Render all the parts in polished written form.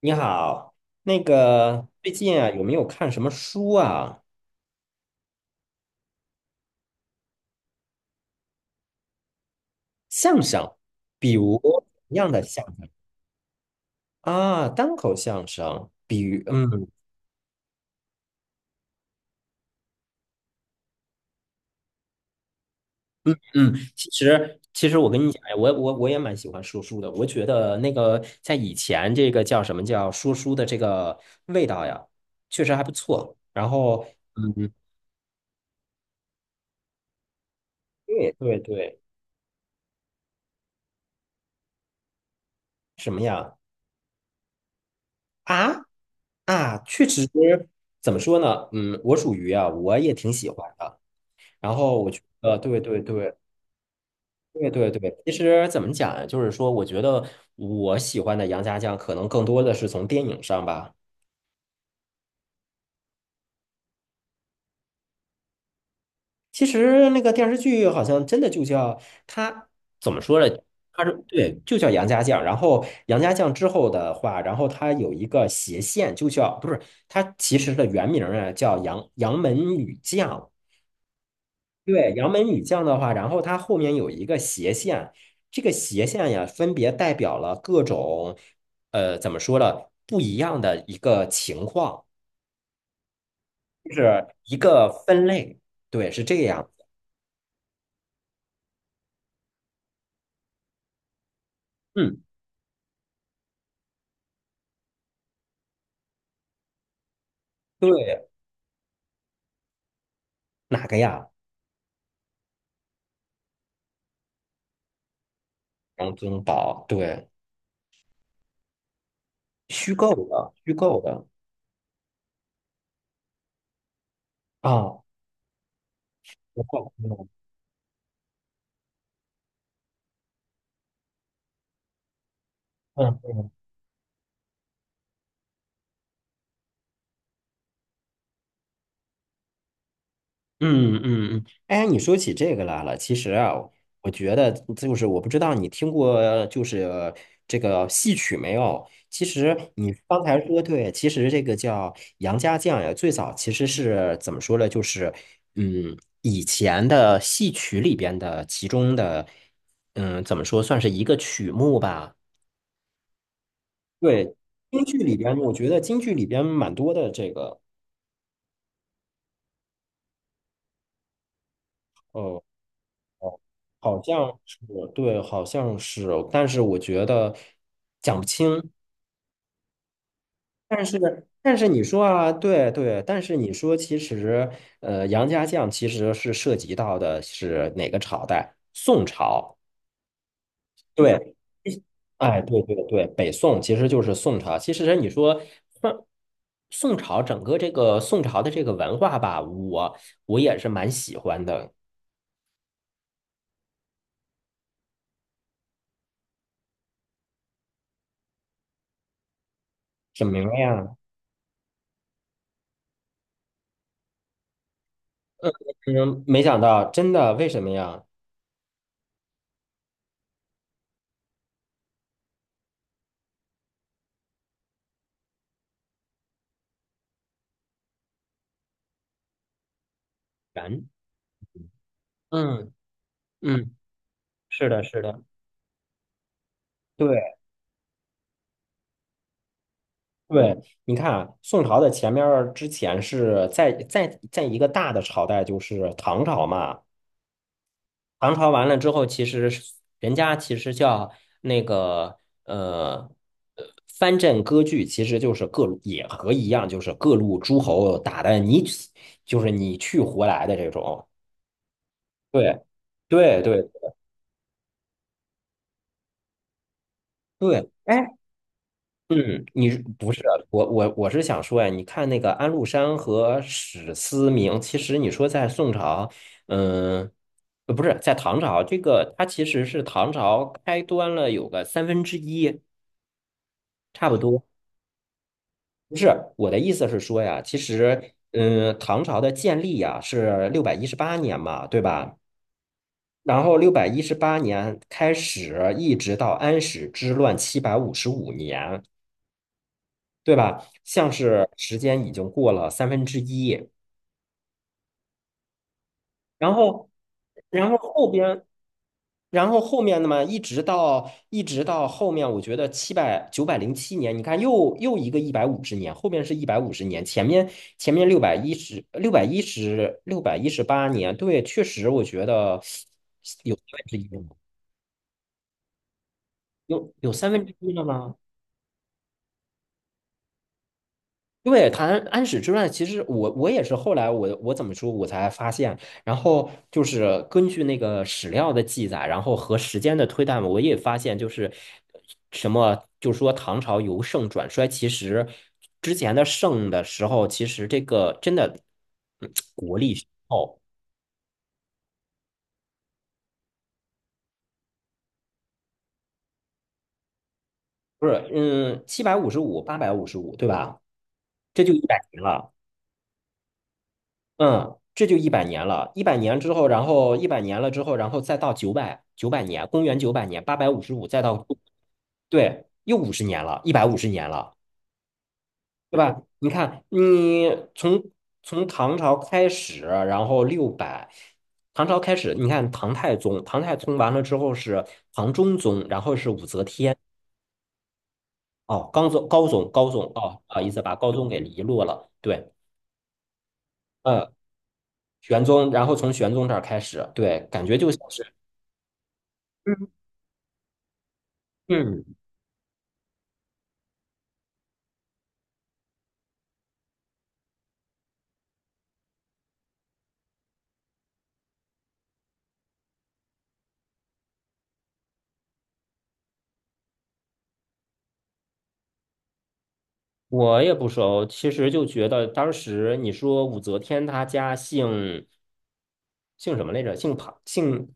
你好，那个最近啊，有没有看什么书啊？相声，比如什么样的相声啊？单口相声。嗯嗯，其实我跟你讲。哎，我也蛮喜欢说书的。我觉得那个在以前这个叫什么叫说书的这个味道呀，确实还不错。然后嗯。对对对。什么呀？啊啊，确实。怎么说呢？嗯，我属于啊，我也挺喜欢的。然后我觉得，对对对对对对。其实怎么讲呀？就是说，我觉得我喜欢的杨家将，可能更多的是从电影上吧。其实那个电视剧好像真的就叫他。怎么说呢？他是对，就叫杨家将。然后杨家将之后的话，然后他有一个斜线，就叫不是他其实的原名啊，叫杨门女将。对，杨门女将的话，然后它后面有一个斜线，这个斜线呀，分别代表了各种，怎么说呢，不一样的一个情况，就是一个分类。对，是这样。嗯，对。哪个呀？杨宗保，对。虚构的，虚构的。啊，我搞错了。嗯嗯嗯嗯。哎，你说起这个来了，其实啊，我觉得就是我不知道你听过就是这个戏曲没有？其实你刚才说对，其实这个叫杨家将呀，最早其实是怎么说呢？就是嗯，以前的戏曲里边的其中的嗯，怎么说算是一个曲目吧？对，京剧里边，我觉得京剧里边蛮多的这个。呃哦，好像是。对，好像是，但是我觉得讲不清。但是，但是你说啊，对对，但是你说，其实，杨家将其实是涉及到的是哪个朝代？宋朝。对，哎，对对对，北宋其实就是宋朝。其实你说，宋宋朝整个这个宋朝的这个文化吧，我我也是蛮喜欢的。什么呀？嗯，没想到，真的，为什么呀？然。嗯嗯，是的，是的，对对。你看啊宋朝的前面儿之前是在一个大的朝代，就是唐朝嘛。唐朝完了之后，其实是人家其实叫那个呃藩镇割据，其实就是各路也和一样，就是各路诸侯打的你死，就是你去活来的这种。对对对对。哎，嗯，你是不是啊我是想说呀，你看那个安禄山和史思明，其实你说在宋朝，嗯，不是在唐朝，这个它其实是唐朝开端了有个三分之一，差不多。不是，我的意思是说呀，其实，嗯，唐朝的建立呀是六百一十八年嘛，对吧？然后六百一十八年开始，一直到安史之乱755年。对吧？像是时间已经过了三分之一。然后，然后后边，然后后面的嘛，一直到后面，我觉得907年，你看又一个一百五十年，后面是一百五十年，前面六百一十八年，对，确实我觉得有三分之一了吗？有三分之一了吗？对，谈安史之乱，其实我我也是后来我怎么说，我才发现，然后就是根据那个史料的记载，然后和时间的推断，我也发现就是什么，就说唐朝由盛转衰，其实之前的盛的时候，其实这个真的嗯国力雄厚。不是，嗯，七百五十五、八百五十五，对吧？这就一百年了。嗯，这就一百年了，一百年之后，然后一百年了之后，然后再到九百年，公元九百年，八百五十五，再到对，又五十年了，一百五十年了，对吧？你看，你从从唐朝开始，然后六百，唐朝开始，你看唐太宗，唐太宗完了之后是唐中宗，然后是武则天。哦，高宗高宗高宗，哦，不好意思，把高宗给遗落了，对，嗯，玄宗，然后从玄宗这儿开始，对，感觉就像是。嗯。我也不熟，其实就觉得当时你说武则天她家姓什么来着？姓庞，姓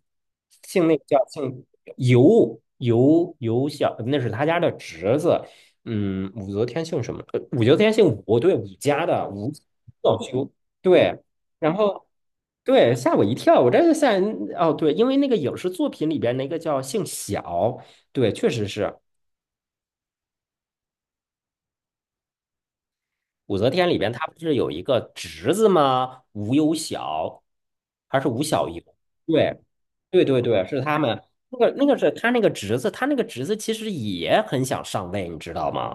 姓那个叫姓尤小，那是他家的侄子。嗯，武则天姓什么？武则天姓武，对，武家的武老修，对。然后对，吓我一跳，我这就吓人哦，对，因为那个影视作品里边那个叫姓小，对，确实是。武则天里边她不是有一个侄子吗？吴有小，还是吴小猷？对，对对对，是他们。那个那个是他那个侄子，他那个侄子其实也很想上位，你知道吗？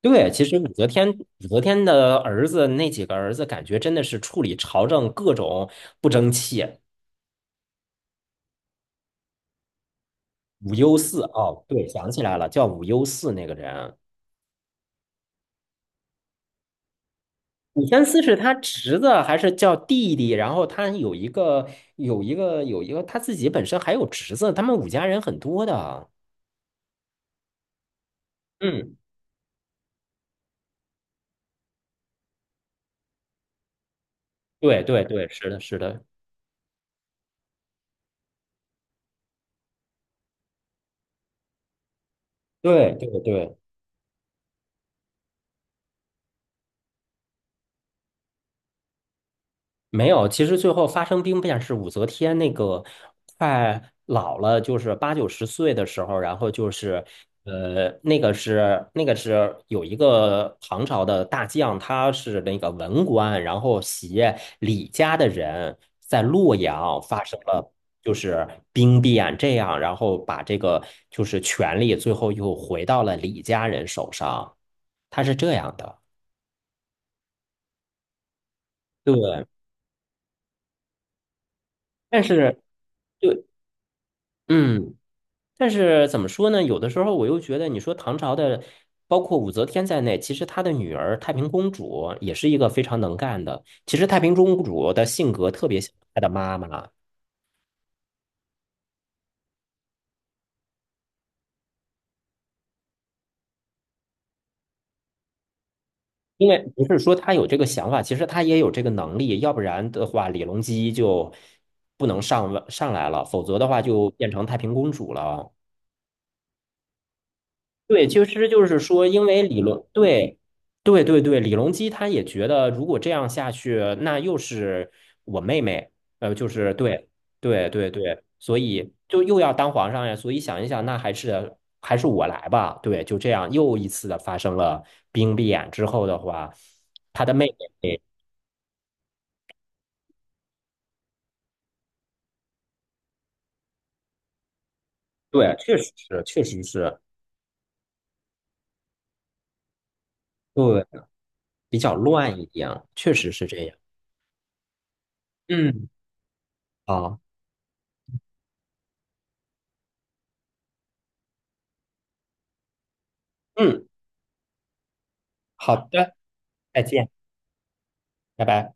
对，其实武则天的儿子那几个儿子，感觉真的是处理朝政各种不争气。武攸四哦，对，想起来了，叫武攸四那个人。武宣思是他侄子还是叫弟弟？然后他有一个有一个他自己本身还有侄子，他们武家人很多的。嗯，对对对，是的，是的，对对对。没有，其实最后发生兵变是武则天那个快老了，就是八九十岁的时候，然后就是那个是有一个唐朝的大将，他是那个文官，然后携李家的人在洛阳发生了就是兵变，这样然后把这个就是权力最后又回到了李家人手上，他是这样的，对，但是对，嗯。但是怎么说呢？有的时候我又觉得，你说唐朝的，包括武则天在内，其实她的女儿太平公主也是一个非常能干的。其实太平公主的性格特别像她的妈妈，因为不是说她有这个想法，其实她也有这个能力。要不然的话，李隆基就不能上位上来了，否则的话就变成太平公主了。对，其实就是说，因为李隆，对，对对对，李隆基他也觉得，如果这样下去，那又是我妹妹，就是对，对对对，所以就又要当皇上呀，所以想一想，那还是我来吧，对，就这样又一次的发生了兵变之后的话，他的妹妹，对，确实是，确实是，对，比较乱一点，确实是这样。嗯，好。嗯，好的。再见，拜拜。